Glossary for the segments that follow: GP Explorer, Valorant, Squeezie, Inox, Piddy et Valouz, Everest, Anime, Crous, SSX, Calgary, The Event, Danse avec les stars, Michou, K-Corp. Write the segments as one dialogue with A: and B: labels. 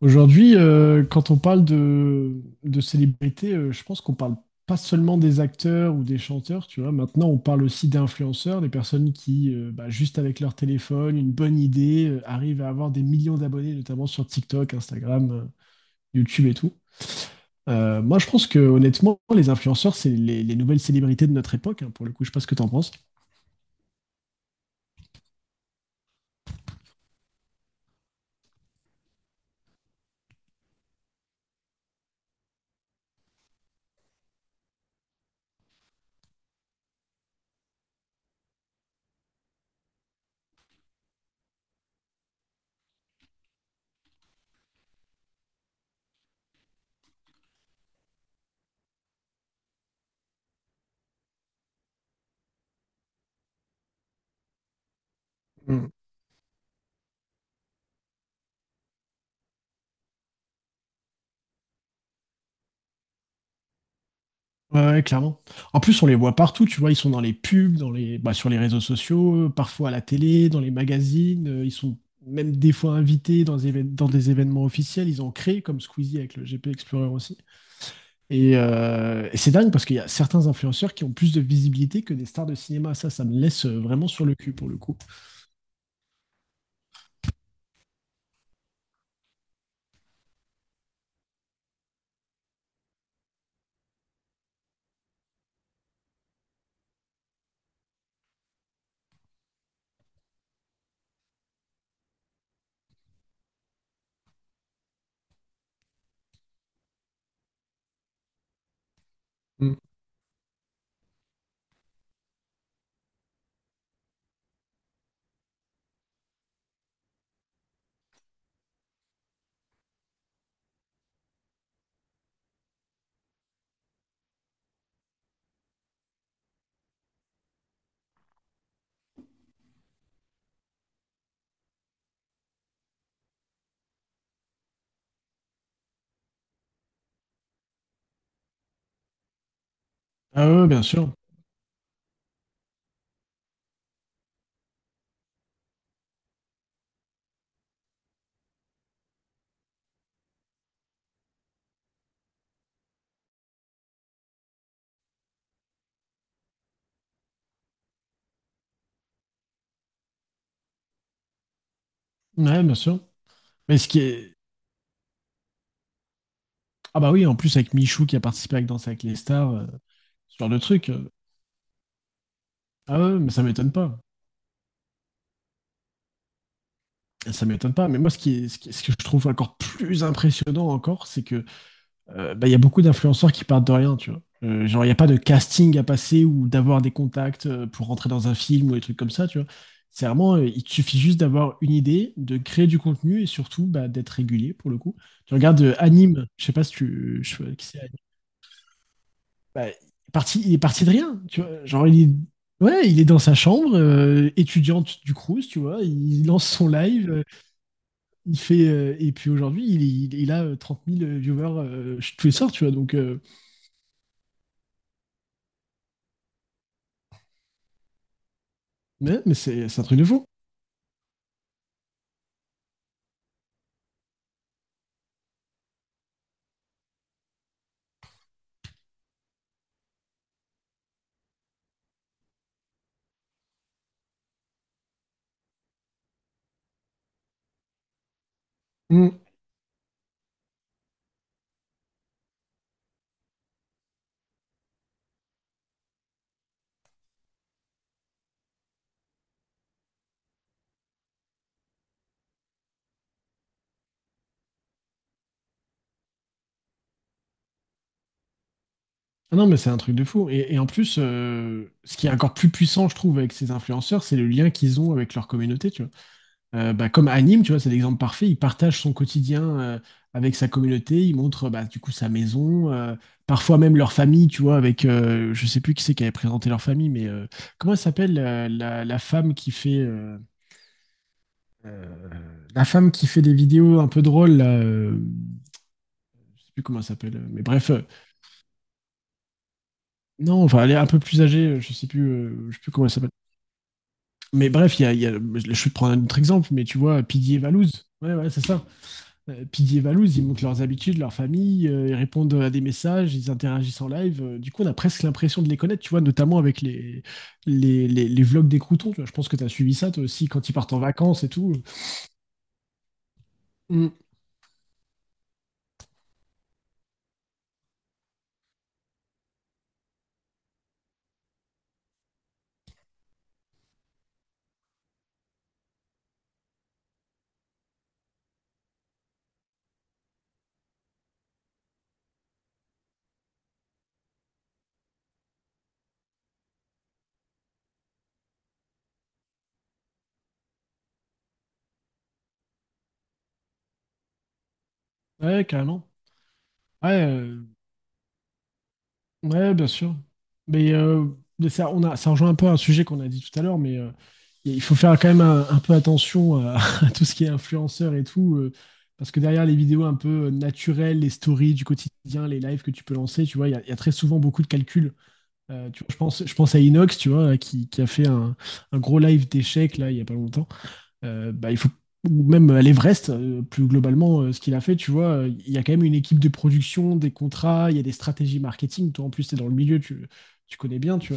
A: Aujourd'hui, quand on parle de célébrités, je pense qu'on parle pas seulement des acteurs ou des chanteurs, tu vois. Maintenant, on parle aussi d'influenceurs, des personnes qui, juste avec leur téléphone, une bonne idée, arrivent à avoir des millions d'abonnés, notamment sur TikTok, Instagram, YouTube et tout. Moi, je pense que honnêtement, les influenceurs, c'est les nouvelles célébrités de notre époque, hein, pour le coup. Je sais pas ce que t'en penses. Ouais, ouais, clairement. En plus, on les voit partout, tu vois, ils sont dans les pubs, dans les, bah, sur les réseaux sociaux, parfois à la télé, dans les magazines, ils sont même des fois invités dans, dans des événements officiels, ils ont créé comme Squeezie avec le GP Explorer aussi. Et c'est dingue parce qu'il y a certains influenceurs qui ont plus de visibilité que des stars de cinéma, ça me laisse vraiment sur le cul pour le coup. Mm. Ah ouais, ouais, bien sûr. Ouais, bien sûr. Mais ce qui est... Ah bah oui, en plus avec Michou qui a participé avec Danse avec les stars, ce genre de truc. Ah ouais, ouais, mais ça m'étonne pas. Ça m'étonne pas, mais moi ce que je trouve encore plus impressionnant encore, c'est que bah, il y a beaucoup d'influenceurs qui partent de rien, tu vois. Genre il n'y a pas de casting à passer ou d'avoir des contacts pour rentrer dans un film ou des trucs comme ça, tu vois. C'est vraiment, il te suffit juste d'avoir une idée, de créer du contenu et surtout bah, d'être régulier pour le coup. Tu regardes Anime, je sais pas si tu, je sais pas qui c'est Anime. Bah, il est parti de rien, tu vois. Genre il est... Ouais, il est dans sa chambre, étudiante du Crous, tu vois, il lance son live, il fait, et puis aujourd'hui, il a 30 000 viewers tous les soirs, tu vois. Donc, mais c'est un truc de fou. Mm. Ah non, mais c'est un truc de fou. Et en plus, ce qui est encore plus puissant, je trouve, avec ces influenceurs, c'est le lien qu'ils ont avec leur communauté, tu vois. Bah, comme Anime, tu vois, c'est l'exemple parfait. Il partage son quotidien avec sa communauté. Il montre, bah, du coup, sa maison, parfois même leur famille, tu vois, avec, je sais plus qui c'est qui avait présenté leur famille, mais comment elle s'appelle, la femme qui fait... euh, la femme qui fait des vidéos un peu drôles, là, je sais plus comment elle s'appelle, mais bref, non, enfin, elle est un peu plus âgée, je sais plus comment elle s'appelle. Mais bref, il y a, y a- je vais te prendre un autre exemple, mais tu vois, Piddy et Valouz. Ouais, ouais, c'est ça. Piddy et Valouz, ils montrent leurs habitudes, leur famille, ils répondent à des messages, ils interagissent en live. Du coup, on a presque l'impression de les connaître, tu vois, notamment avec les vlogs des croutons. Tu vois, je pense que tu as suivi ça, toi aussi, quand ils partent en vacances et tout. Mm. Ouais, carrément. Ouais, ouais, bien sûr. Mais, euh, mais ça, ça rejoint un peu un sujet qu'on a dit tout à l'heure, mais il faut faire quand même un peu attention à, à tout ce qui est influenceur et tout, parce que derrière les vidéos un peu naturelles, les stories du quotidien, les lives que tu peux lancer, tu vois, il y a très souvent beaucoup de calculs. Tu vois, je pense à Inox, tu vois, qui a fait un gros live d'échecs là, il y a pas longtemps bah, il faut ou même à l'Everest, plus globalement, ce qu'il a fait, tu vois, il y a quand même une équipe de production, des contrats, il y a des stratégies marketing. Toi, en plus, tu es dans le milieu, tu connais bien, tu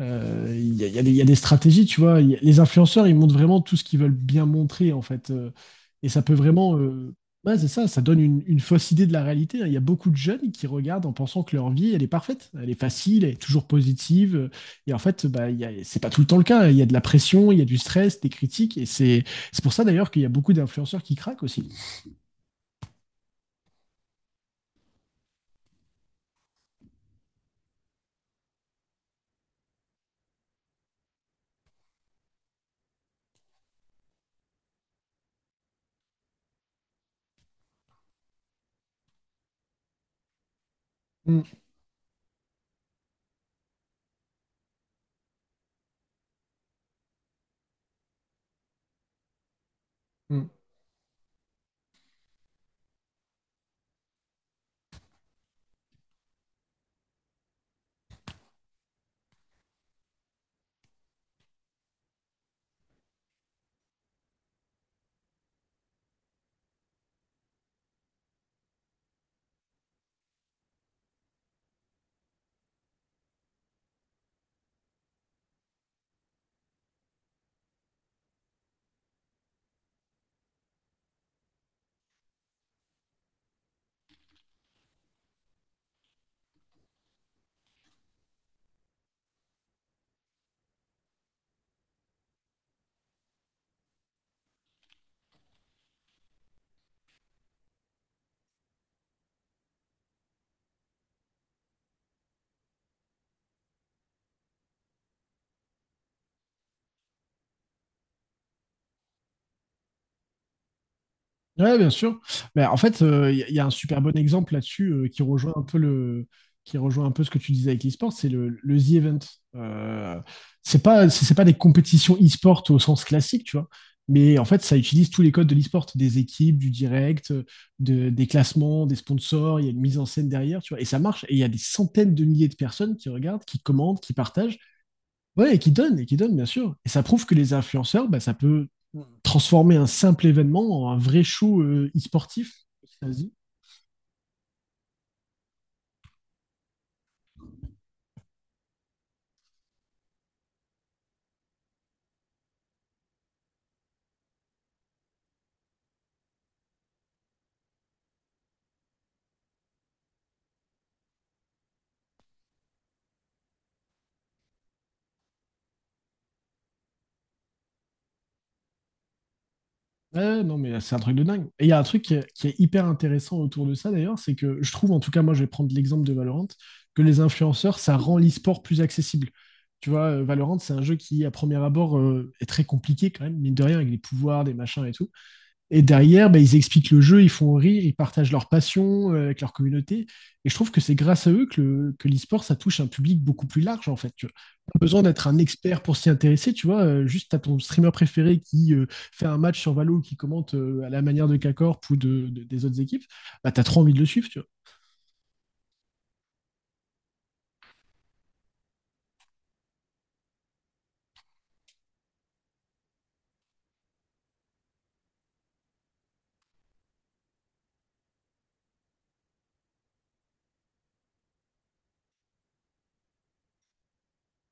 A: il y a des stratégies, tu vois. Les influenceurs, ils montrent vraiment tout ce qu'ils veulent bien montrer, en fait. Et ça peut vraiment. Ouais, c'est ça, ça donne une fausse idée de la réalité, hein. Il y a beaucoup de jeunes qui regardent en pensant que leur vie, elle est parfaite, elle est facile, elle est toujours positive. Et en fait, bah, c'est pas tout le temps le cas, hein. Il y a de la pression, il y a du stress, des critiques. Et c'est pour ça d'ailleurs qu'il y a beaucoup d'influenceurs qui craquent aussi. Mm, mm. Ouais, bien sûr. Mais en fait, il y, a y a un super bon exemple là-dessus qui rejoint un peu le, qui rejoint un peu ce que tu disais avec l'e-sport, c'est le The Event. Euh, c'est pas, c'est pas des compétitions e-sport au sens classique, tu vois. Mais en fait, ça utilise tous les codes de l'e-sport, des équipes, du direct, des classements, des sponsors. Il y a une mise en scène derrière, tu vois. Et ça marche. Et il y a des centaines de milliers de personnes qui regardent, qui commentent, qui partagent. Ouais, et qui donne, bien sûr. Et ça prouve que les influenceurs, bah, ça peut transformer un simple événement en un vrai show e-sportif. Ça se dit. Ouais, non, mais c'est un truc de dingue. Et il y a un truc qui est hyper intéressant autour de ça, d'ailleurs, c'est que je trouve, en tout cas, moi, je vais prendre l'exemple de Valorant, que les influenceurs, ça rend l'e-sport plus accessible. Tu vois, Valorant, c'est un jeu qui, à premier abord, est très compliqué quand même, mine de rien, avec les pouvoirs, des machins et tout. Et derrière, bah, ils expliquent le jeu, ils font rire, ils partagent leur passion avec leur communauté. Et je trouve que c'est grâce à eux que, que l'e-sport, ça touche un public beaucoup plus large, en fait. Tu vois. Pas besoin d'être un expert pour s'y intéresser, tu vois. Juste, t'as ton streamer préféré qui fait un match sur Valo, qui commente à la manière de K-Corp ou des autres équipes, bah, t'as trop envie de le suivre, tu vois.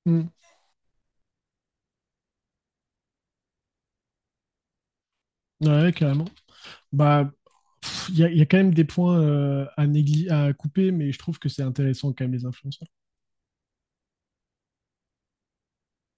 A: Mm. Ouais, carrément. Bah, pff, il y a quand même des points à, à couper, mais je trouve que c'est intéressant quand même les influenceurs.